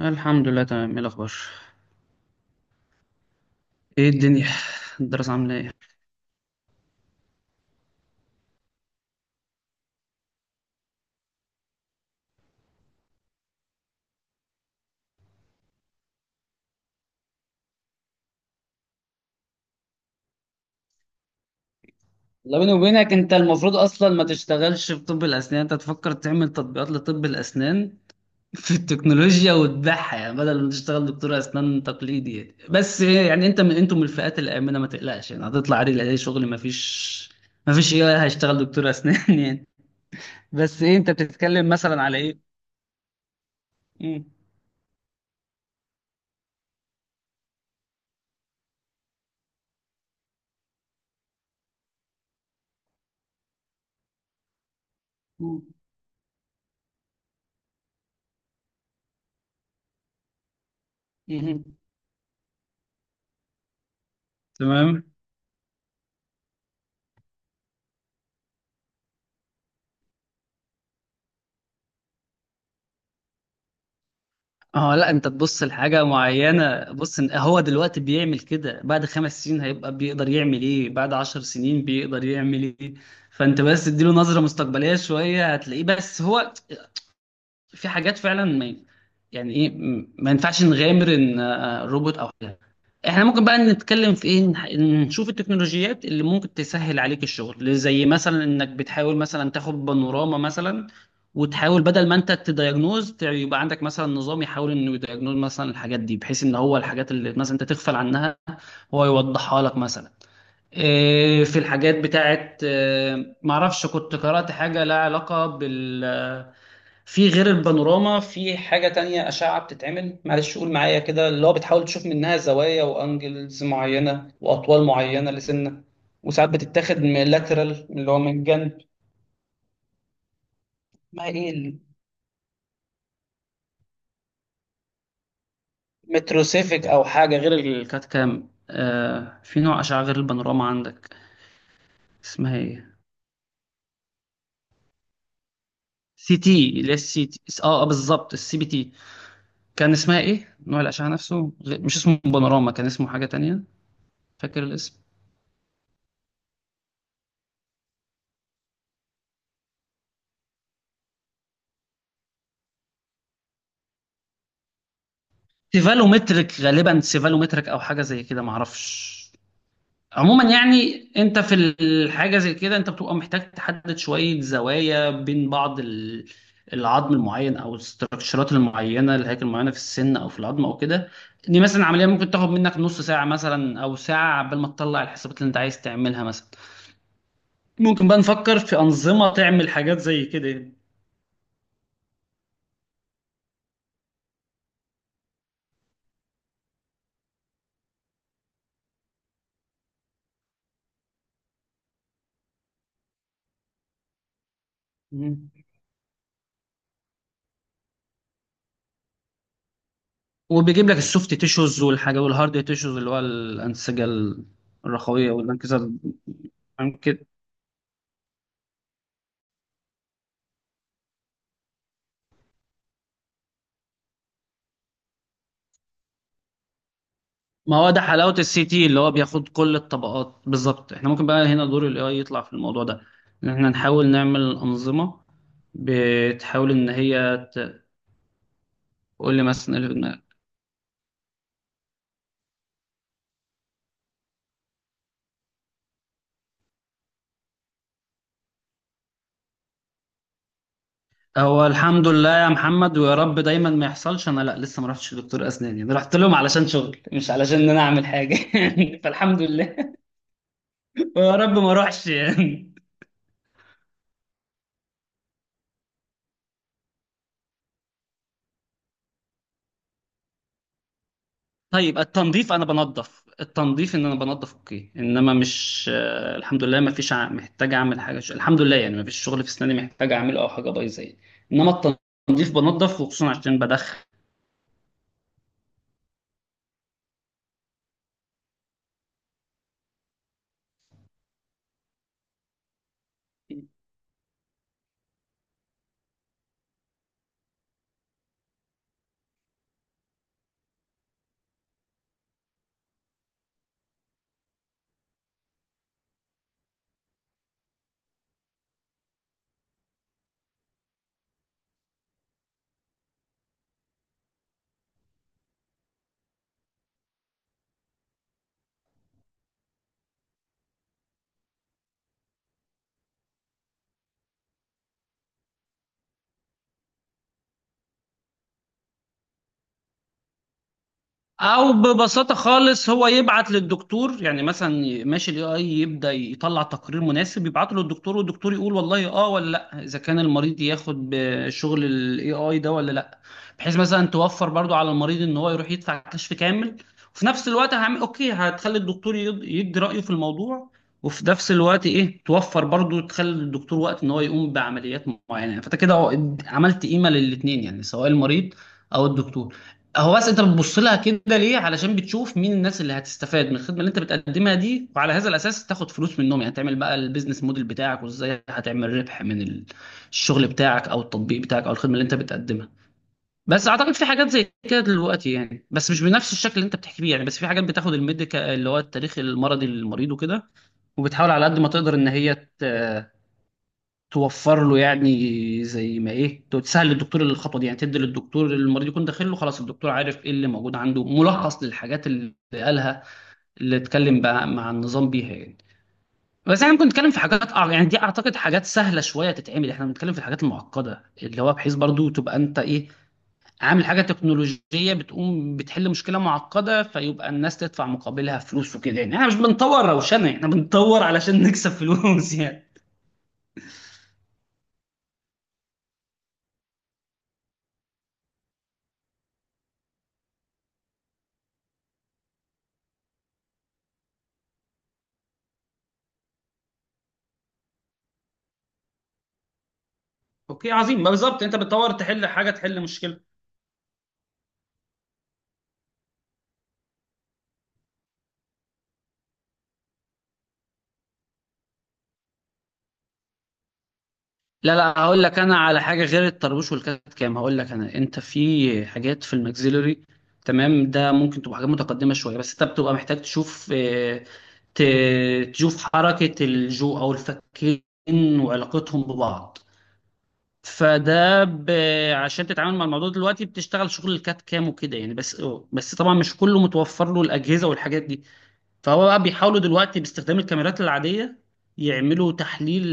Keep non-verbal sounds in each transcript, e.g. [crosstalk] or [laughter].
الحمد لله، تمام. ايه الاخبار؟ ايه الدنيا؟ الدراسه عامله ايه؟ لا، بيني وبينك، انت المفروض اصلا ما تشتغلش في طب الاسنان، انت تفكر تعمل تطبيقات لطب الاسنان في التكنولوجيا وتبيعها، يعني بدل ما تشتغل دكتور اسنان تقليدي يعني. بس يعني انت من انتم من الفئات الامنه، ما تقلقش يعني، هتطلع عادي اي شغل، ما فيش ما فيش ايه. هشتغل دكتور اسنان [laughs] يعني. بس ايه، انت بتتكلم مثلا على ايه؟ مم. مم. مم. تمام. اه لا، انت تبص لحاجة معينة، بص، هو دلوقتي بيعمل كده، بعد 5 سنين هيبقى بيقدر يعمل ايه، بعد 10 سنين بيقدر يعمل ايه. فانت بس تديله نظرة مستقبلية شوية هتلاقيه. بس هو في حاجات فعلا ما، يعني ايه، ما ينفعش نغامر ان روبوت او حاجه. احنا ممكن بقى نتكلم في ايه، نشوف التكنولوجيات اللي ممكن تسهل عليك الشغل، زي مثلا انك بتحاول مثلا تاخد بانوراما مثلا، وتحاول بدل ما انت تدياجنوز، يبقى عندك مثلا نظام يحاول انه يدياجنوز مثلا الحاجات دي، بحيث ان هو الحاجات اللي مثلا انت تغفل عنها هو يوضحها لك مثلا. في الحاجات بتاعت معرفش، كنت قرأت حاجة لها علاقة بال، في غير البانوراما في حاجة تانية أشعة بتتعمل، معلش قول معايا كده، اللي هو بتحاول تشوف منها زوايا وأنجلز معينة وأطوال معينة لسنة، وساعات بتتاخد من لاترال اللي هو من جنب. ما إيه؟ المتروسيفيك أو حاجة غير الكات كام. آه في نوع أشعة غير البانوراما عندك، اسمها إيه؟ سي تي، اللي هي السي تي، اه، بالظبط، السي بي تي. كان اسمها ايه؟ نوع الأشعة نفسه، مش اسمه بانوراما، كان اسمه حاجة تانية. فاكر الاسم؟ سيفالومتريك غالبا، سيفالومتريك او حاجه زي كده معرفش. عموما يعني انت في الحاجه زي كده انت بتبقى محتاج تحدد شويه زوايا بين بعض العظم المعين او الاستراكشرات المعينه، الهيكل المعينه في السن او في العظم او كده. دي مثلا عمليه ممكن تاخد منك نص ساعه مثلا او ساعه، عبال ما تطلع الحسابات اللي انت عايز تعملها مثلا. ممكن بقى نفكر في انظمه تعمل حاجات زي كده يعني. مم. وبيجيب لك السوفت تيشوز والحاجه، والهارد تيشوز اللي هو الانسجه الرخويه والانكسار يمكن. ما هو ده حلاوة السي تي، اللي هو بياخد كل الطبقات بالظبط. احنا ممكن بقى هنا دور الاي اي يطلع في الموضوع ده، ان احنا نحاول نعمل أنظمة بتحاول ان هي تقول لي مثلا اللي في دماغك. هو الحمد لله يا محمد، ويا رب دايما ما يحصلش، انا لا لسه ما رحتش لدكتور اسنان يعني، رحت لهم علشان شغل مش علشان ان انا اعمل حاجة [laughs] فالحمد لله. [laughs] ويا رب ما اروحش يعني. طيب، التنظيف انا بنظف، التنظيف ان انا بنظف اوكي، انما مش الحمد لله ما فيش محتاج اعمل حاجه، الحمد لله يعني ما فيش شغل في اسناني محتاج اعمله او حاجه بايظه يعني. انما التنظيف بنظف، وخصوصا عشان بدخن. او ببساطه خالص هو يبعت للدكتور، يعني مثلا ماشي الاي اي يبدا يطلع تقرير مناسب يبعته للدكتور، والدكتور يقول والله اه ولا لا اذا كان المريض ياخد بشغل الاي اي ده ولا لا. بحيث مثلا توفر برضو على المريض ان هو يروح يدفع كشف كامل، وفي نفس الوقت هعمل اوكي هتخلي الدكتور يدي رايه في الموضوع، وفي نفس الوقت ايه، توفر برضو تخلي الدكتور وقت ان هو يقوم بعمليات معينه. فانت كده عملت قيمه للاثنين يعني، سواء المريض او الدكتور. هو بس انت بتبص لها كده ليه؟ علشان بتشوف مين الناس اللي هتستفاد من الخدمه اللي انت بتقدمها دي، وعلى هذا الاساس تاخد فلوس منهم يعني، تعمل بقى البيزنس موديل بتاعك، وازاي هتعمل ربح من الشغل بتاعك او التطبيق بتاعك او الخدمه اللي انت بتقدمها. بس اعتقد في حاجات زي كده دلوقتي يعني، بس مش بنفس الشكل اللي انت بتحكي بيه يعني. بس في حاجات بتاخد الميديكال اللي هو التاريخ المرضي للمريض وكده، وبتحاول على قد ما تقدر ان هي توفر له يعني، زي ما ايه، تسهل للدكتور الخطوه دي، يعني تدي للدكتور اللي المريض يكون داخل له خلاص الدكتور عارف ايه اللي موجود عنده، ملخص للحاجات اللي قالها، اللي اتكلم بقى مع النظام بيها يعني. بس احنا ممكن نتكلم في حاجات يعني، دي اعتقد حاجات سهله شويه تتعمل، احنا بنتكلم في الحاجات المعقده اللي هو بحيث برضو تبقى انت ايه، عامل حاجه تكنولوجيه بتقوم بتحل مشكله معقده، فيبقى الناس تدفع مقابلها فلوس وكده يعني. احنا مش بنطور روشنه، احنا بنطور علشان نكسب فلوس [laughs] يعني. اوكي عظيم، ما بالظبط انت بتدور تحل حاجه، تحل مشكله. لا لا، هقول لك انا على حاجه غير الطربوش والكات كام، هقول لك انا، انت في حاجات في الماكسيلري، تمام، ده ممكن تبقى حاجات متقدمه شويه، بس انت بتبقى محتاج تشوف تشوف حركه الجو او الفكين وعلاقتهم ببعض. فده ب... عشان تتعامل مع الموضوع دلوقتي بتشتغل شغل الكات كام وكده يعني. بس بس طبعا مش كله متوفر له الاجهزه والحاجات دي، فهو بقى بيحاولوا دلوقتي باستخدام الكاميرات العادية يعملوا تحليل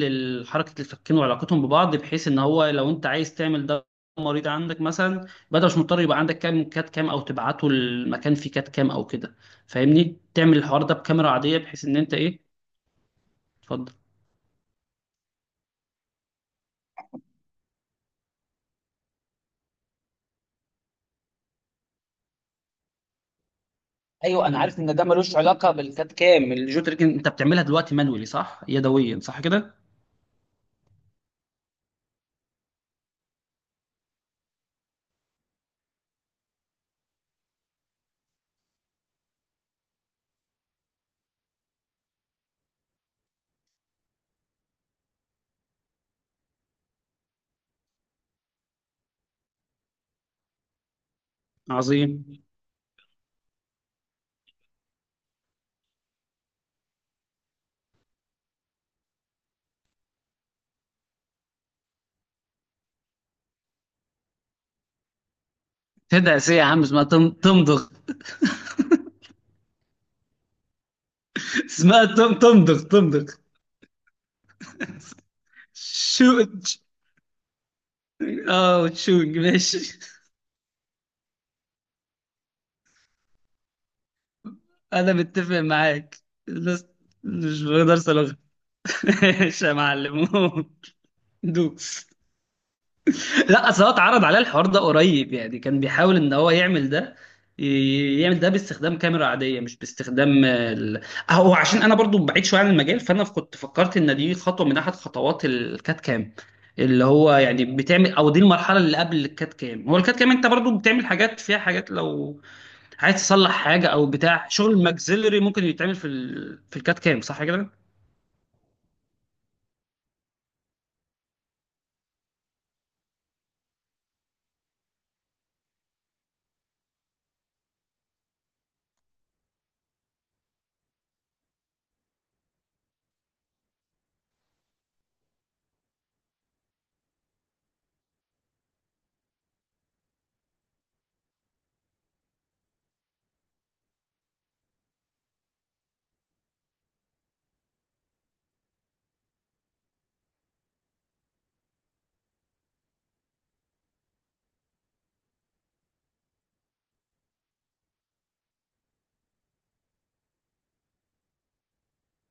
لحركة الفكين وعلاقتهم ببعض، بحيث ان هو لو انت عايز تعمل ده، مريض عندك مثلا، بدل مش مضطر يبقى عندك كام كات كام، او تبعته المكان فيه كات كام او كده، فاهمني، تعمل الحوار ده بكاميرا عادية، بحيث ان انت ايه. اتفضل. ايوه انا عارف ان ده ملوش علاقه بالكات كام، الجو تريك انت بتعملها دلوقتي مانولي صح، يدويا صح كده. عظيم. تدعس ايه يا عم، اسمها تمضغ. [laughs] اسمها تمضغ، تمضغ. شو؟ اه وتشونج، ماشي. انا متفق معاك. الناس. مش بقدر صلاح. [laughs] ماشي يا معلم. [laughs] دوس. لا اصل هو اتعرض عليه الحوار ده قريب، يعني كان بيحاول ان هو يعمل ده، يعمل ده باستخدام كاميرا عاديه، مش باستخدام هو عشان انا برضو بعيد شويه عن المجال، فانا كنت فكرت ان دي خطوه من احد خطوات الكات كام، اللي هو يعني بتعمل، او دي المرحله اللي قبل الكات كام. هو الكات كام انت برضو بتعمل حاجات فيها، حاجات لو عايز تصلح حاجه او بتاع شغل ماكسيلري ممكن يتعمل في في الكات كام صح كده.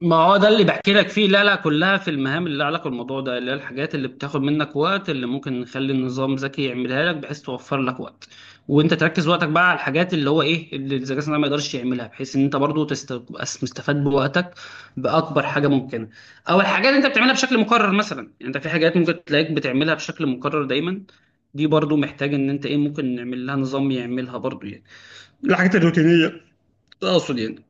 ما هو ده اللي بحكي لك فيه، لا لا، كلها في المهام اللي لها علاقه بالموضوع ده، اللي هي الحاجات اللي بتاخد منك وقت، اللي ممكن نخلي النظام ذكي يعملها لك بحيث توفر لك وقت، وانت تركز وقتك بقى على الحاجات اللي هو ايه، اللي الذكاء الصناعي ما يقدرش يعملها، بحيث ان انت برضو تبقى مستفاد بوقتك باكبر حاجه ممكنه. او الحاجات اللي انت بتعملها بشكل مكرر مثلا، يعني انت في حاجات ممكن تلاقيك بتعملها بشكل مكرر دايما، دي برضو محتاج ان انت ايه، ممكن نعمل لها نظام يعملها برضو يعني، الحاجات الروتينيه اقصد يعني.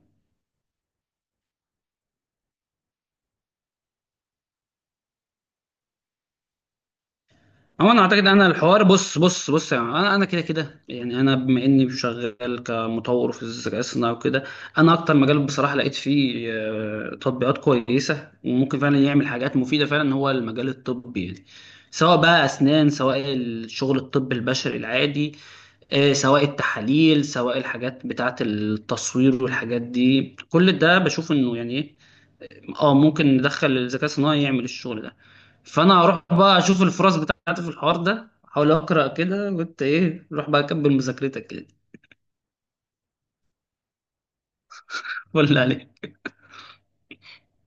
هو انا اعتقد انا الحوار، بص بص بص، يعني انا كده كده يعني، انا بما اني شغال كمطور في الذكاء الصناعي وكده، انا اكتر مجال بصراحه لقيت فيه تطبيقات كويسه وممكن فعلا يعمل حاجات مفيده فعلا هو المجال الطبي يعني، سواء بقى اسنان، سواء الشغل الطب البشري العادي، سواء التحاليل، سواء الحاجات بتاعه التصوير والحاجات دي، كل ده بشوف انه يعني اه ممكن ندخل الذكاء الصناعي يعمل الشغل ده. فانا هروح بقى اشوف الفرص بتاعتي في الحوار ده، احاول اقرا كده، وانت ايه روح بقى كمل مذاكرتك كده. [laughs] ولا عليك.